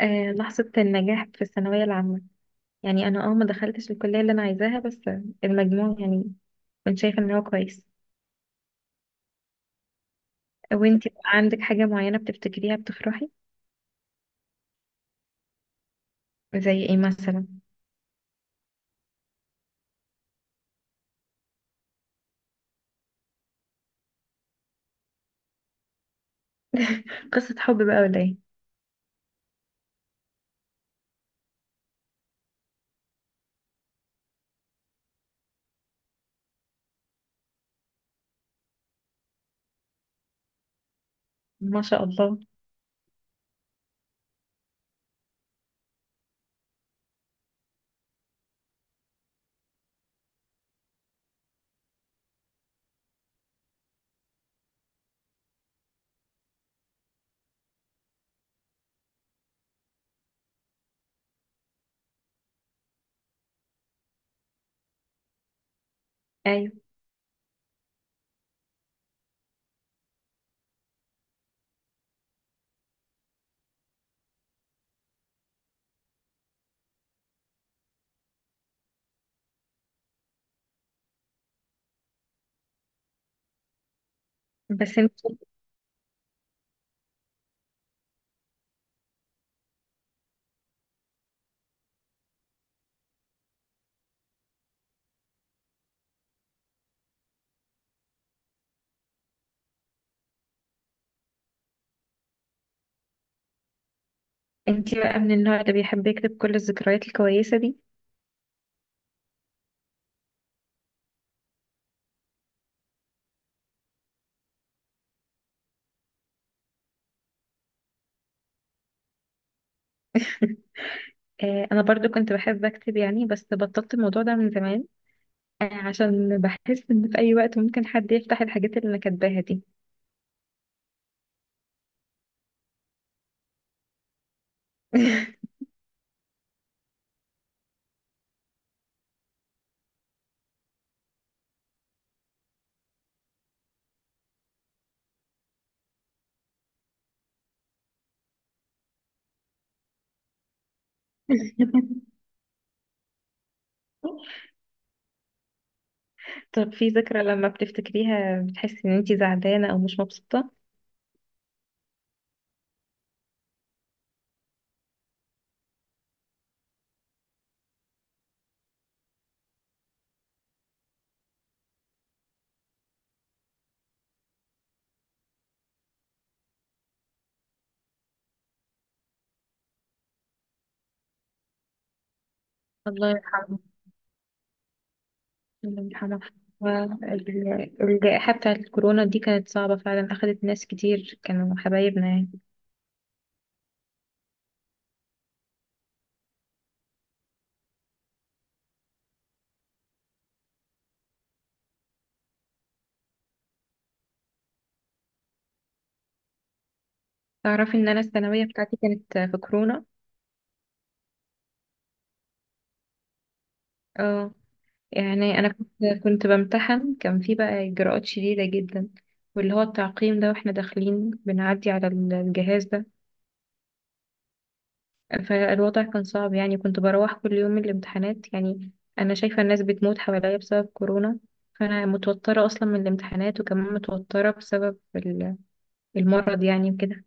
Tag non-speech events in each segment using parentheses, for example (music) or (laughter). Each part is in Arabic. آه، لحظة النجاح في الثانوية العامة. يعني أنا ما دخلتش الكلية اللي أنا عايزاها، بس المجموع يعني كنت شايفة إن هو كويس. وانتي بقى عندك حاجة معينة بتفتكريها بتفرحي؟ زي ايه مثلا؟ (laughs) قصة حب بقى ولا ايه؟ ما شاء الله. أيوة. بس انتي بقى من النوع اللي بيحب يكتب كل الذكريات الكويسة دي؟ (laughs) آه، أنا برضو كنت بحب أكتب يعني، بس بطلت الموضوع ده من زمان، آه، عشان بحس إن في أي وقت ممكن حد يفتح الحاجات اللي أنا كاتباها دي. (laughs) طب في ذكرى لما بتفتكريها بتحسي ان انتي زعلانة او مش مبسوطة؟ الله يرحمه. الله يرحمه. الجائحة بتاعة الكورونا دي كانت صعبة فعلا، أخدت ناس كتير كانوا حبايبنا يعني. تعرفي إن أنا الثانوية بتاعتي كانت في كورونا؟ اه، يعني أنا كنت بمتحن، كان في بقى إجراءات شديدة جدا، واللي هو التعقيم ده واحنا داخلين بنعدي على الجهاز ده. فالوضع كان صعب يعني، كنت بروح كل يوم من الامتحانات يعني أنا شايفة الناس بتموت حواليا بسبب كورونا، فأنا متوترة أصلا من الامتحانات، وكمان متوترة بسبب المرض يعني وكده.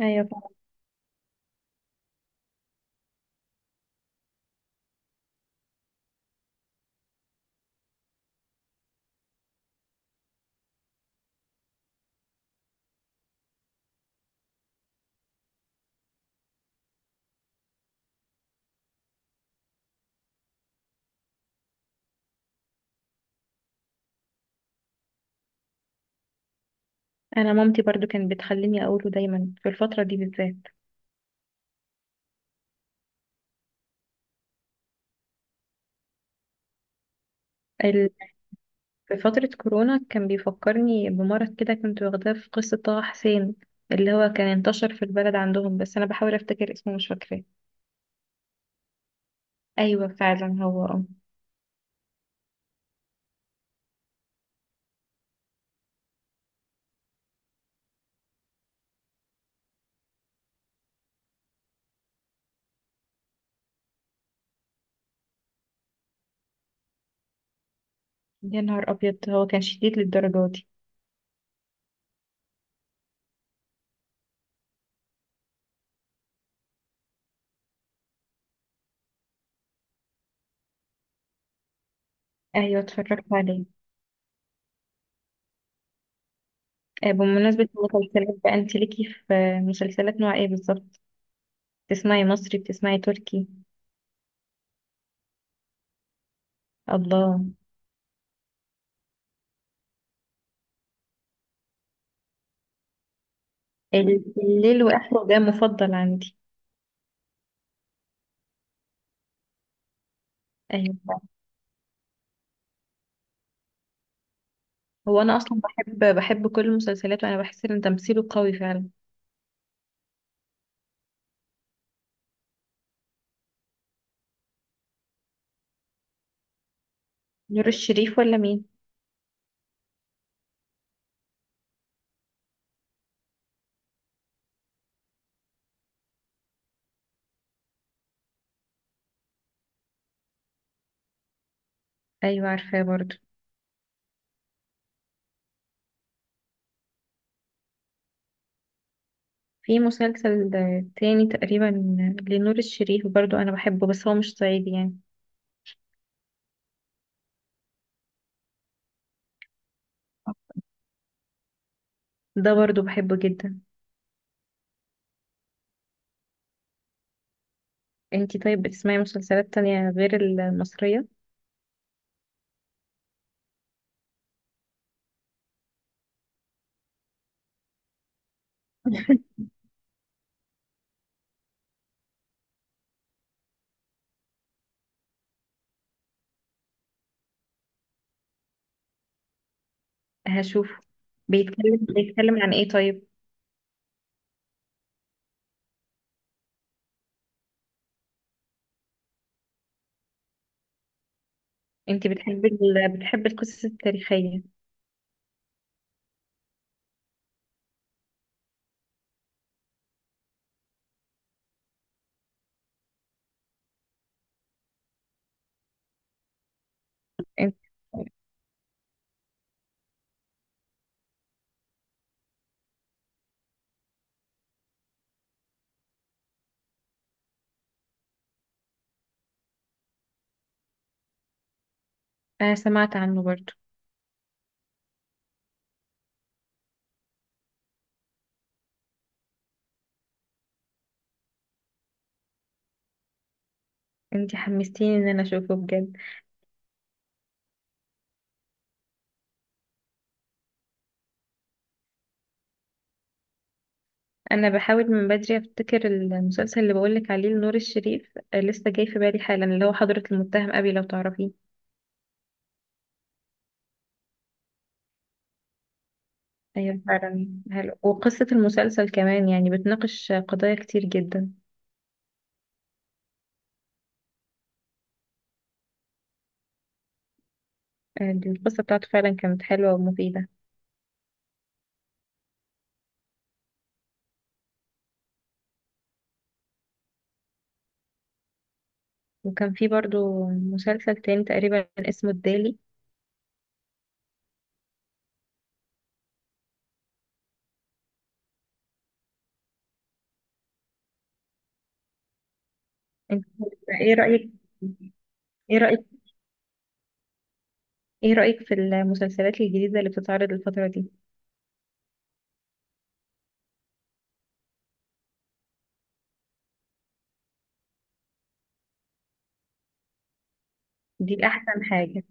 أيوة فعلا. أنا مامتي برضو كانت بتخليني أقوله دايما في الفترة دي بالذات. ال- في فترة كورونا كان بيفكرني بمرض كده كنت واخداه في قصة طه حسين، اللي هو كان انتشر في البلد عندهم، بس أنا بحاول أفتكر اسمه مش فاكراه. أيوة فعلا هو آه. يا نهار أبيض، هو كان شديد للدرجة دي؟ ايوه اتفرجت عليه. آه، بمناسبة المسلسلات بقى، انت ليكي في مسلسلات نوع ايه بالظبط؟ بتسمعي مصري، بتسمعي تركي؟ الله. الليل واخره ده مفضل عندي. ايوه. هو انا اصلا بحب كل المسلسلات، وانا بحس ان تمثيله قوي فعلا. نور الشريف ولا مين؟ ايوه عارفاه برضو. في مسلسل آه، تاني تقريبا لنور الشريف، برضو انا بحبه، بس هو مش صعيدي يعني. ده برضو بحبه جدا. انتي طيب بتسمعي مسلسلات تانية غير المصرية؟ (laughs) هشوفه. بيتكلم عن ايه طيب؟ انت بتحبي بتحبي القصص التاريخية؟ انت، انا سمعت عنه برضو. انت حمستيني ان انا اشوفه بجد. انا بحاول من بدري افتكر المسلسل اللي بقولك عليه لنور الشريف، آه، لسه جاي في بالي حالا، اللي هو حضرة المتهم ابي، لو تعرفيه. ايوه فعلا حلو، وقصة المسلسل كمان يعني بتناقش قضايا كتير جدا. آه، دي القصة بتاعته فعلا كانت حلوة ومفيدة. وكان في برضو مسلسل تاني تقريبا اسمه الدالي. انت، ايه رأيك، ايه رأيك، ايه رأيك في المسلسلات الجديدة اللي بتتعرض الفترة دي؟ دي احسن حاجة.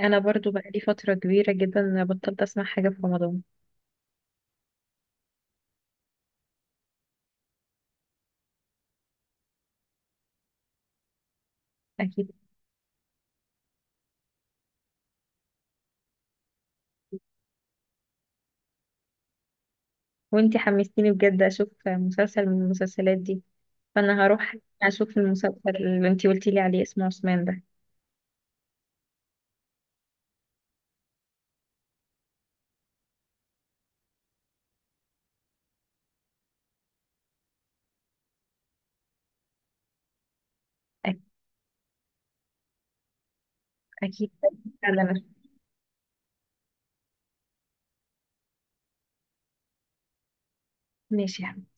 انا برضو بقالي فترة كبيرة جدا انا بطلت اسمع حاجة في رمضان. اكيد. وانتي حمستيني بجد اشوف مسلسل من المسلسلات دي، فانا هروح اشوف المسلسل اللي انتي قلتي لي عليه اسمه عثمان ده. أك- اكيد فعلا. ماشي.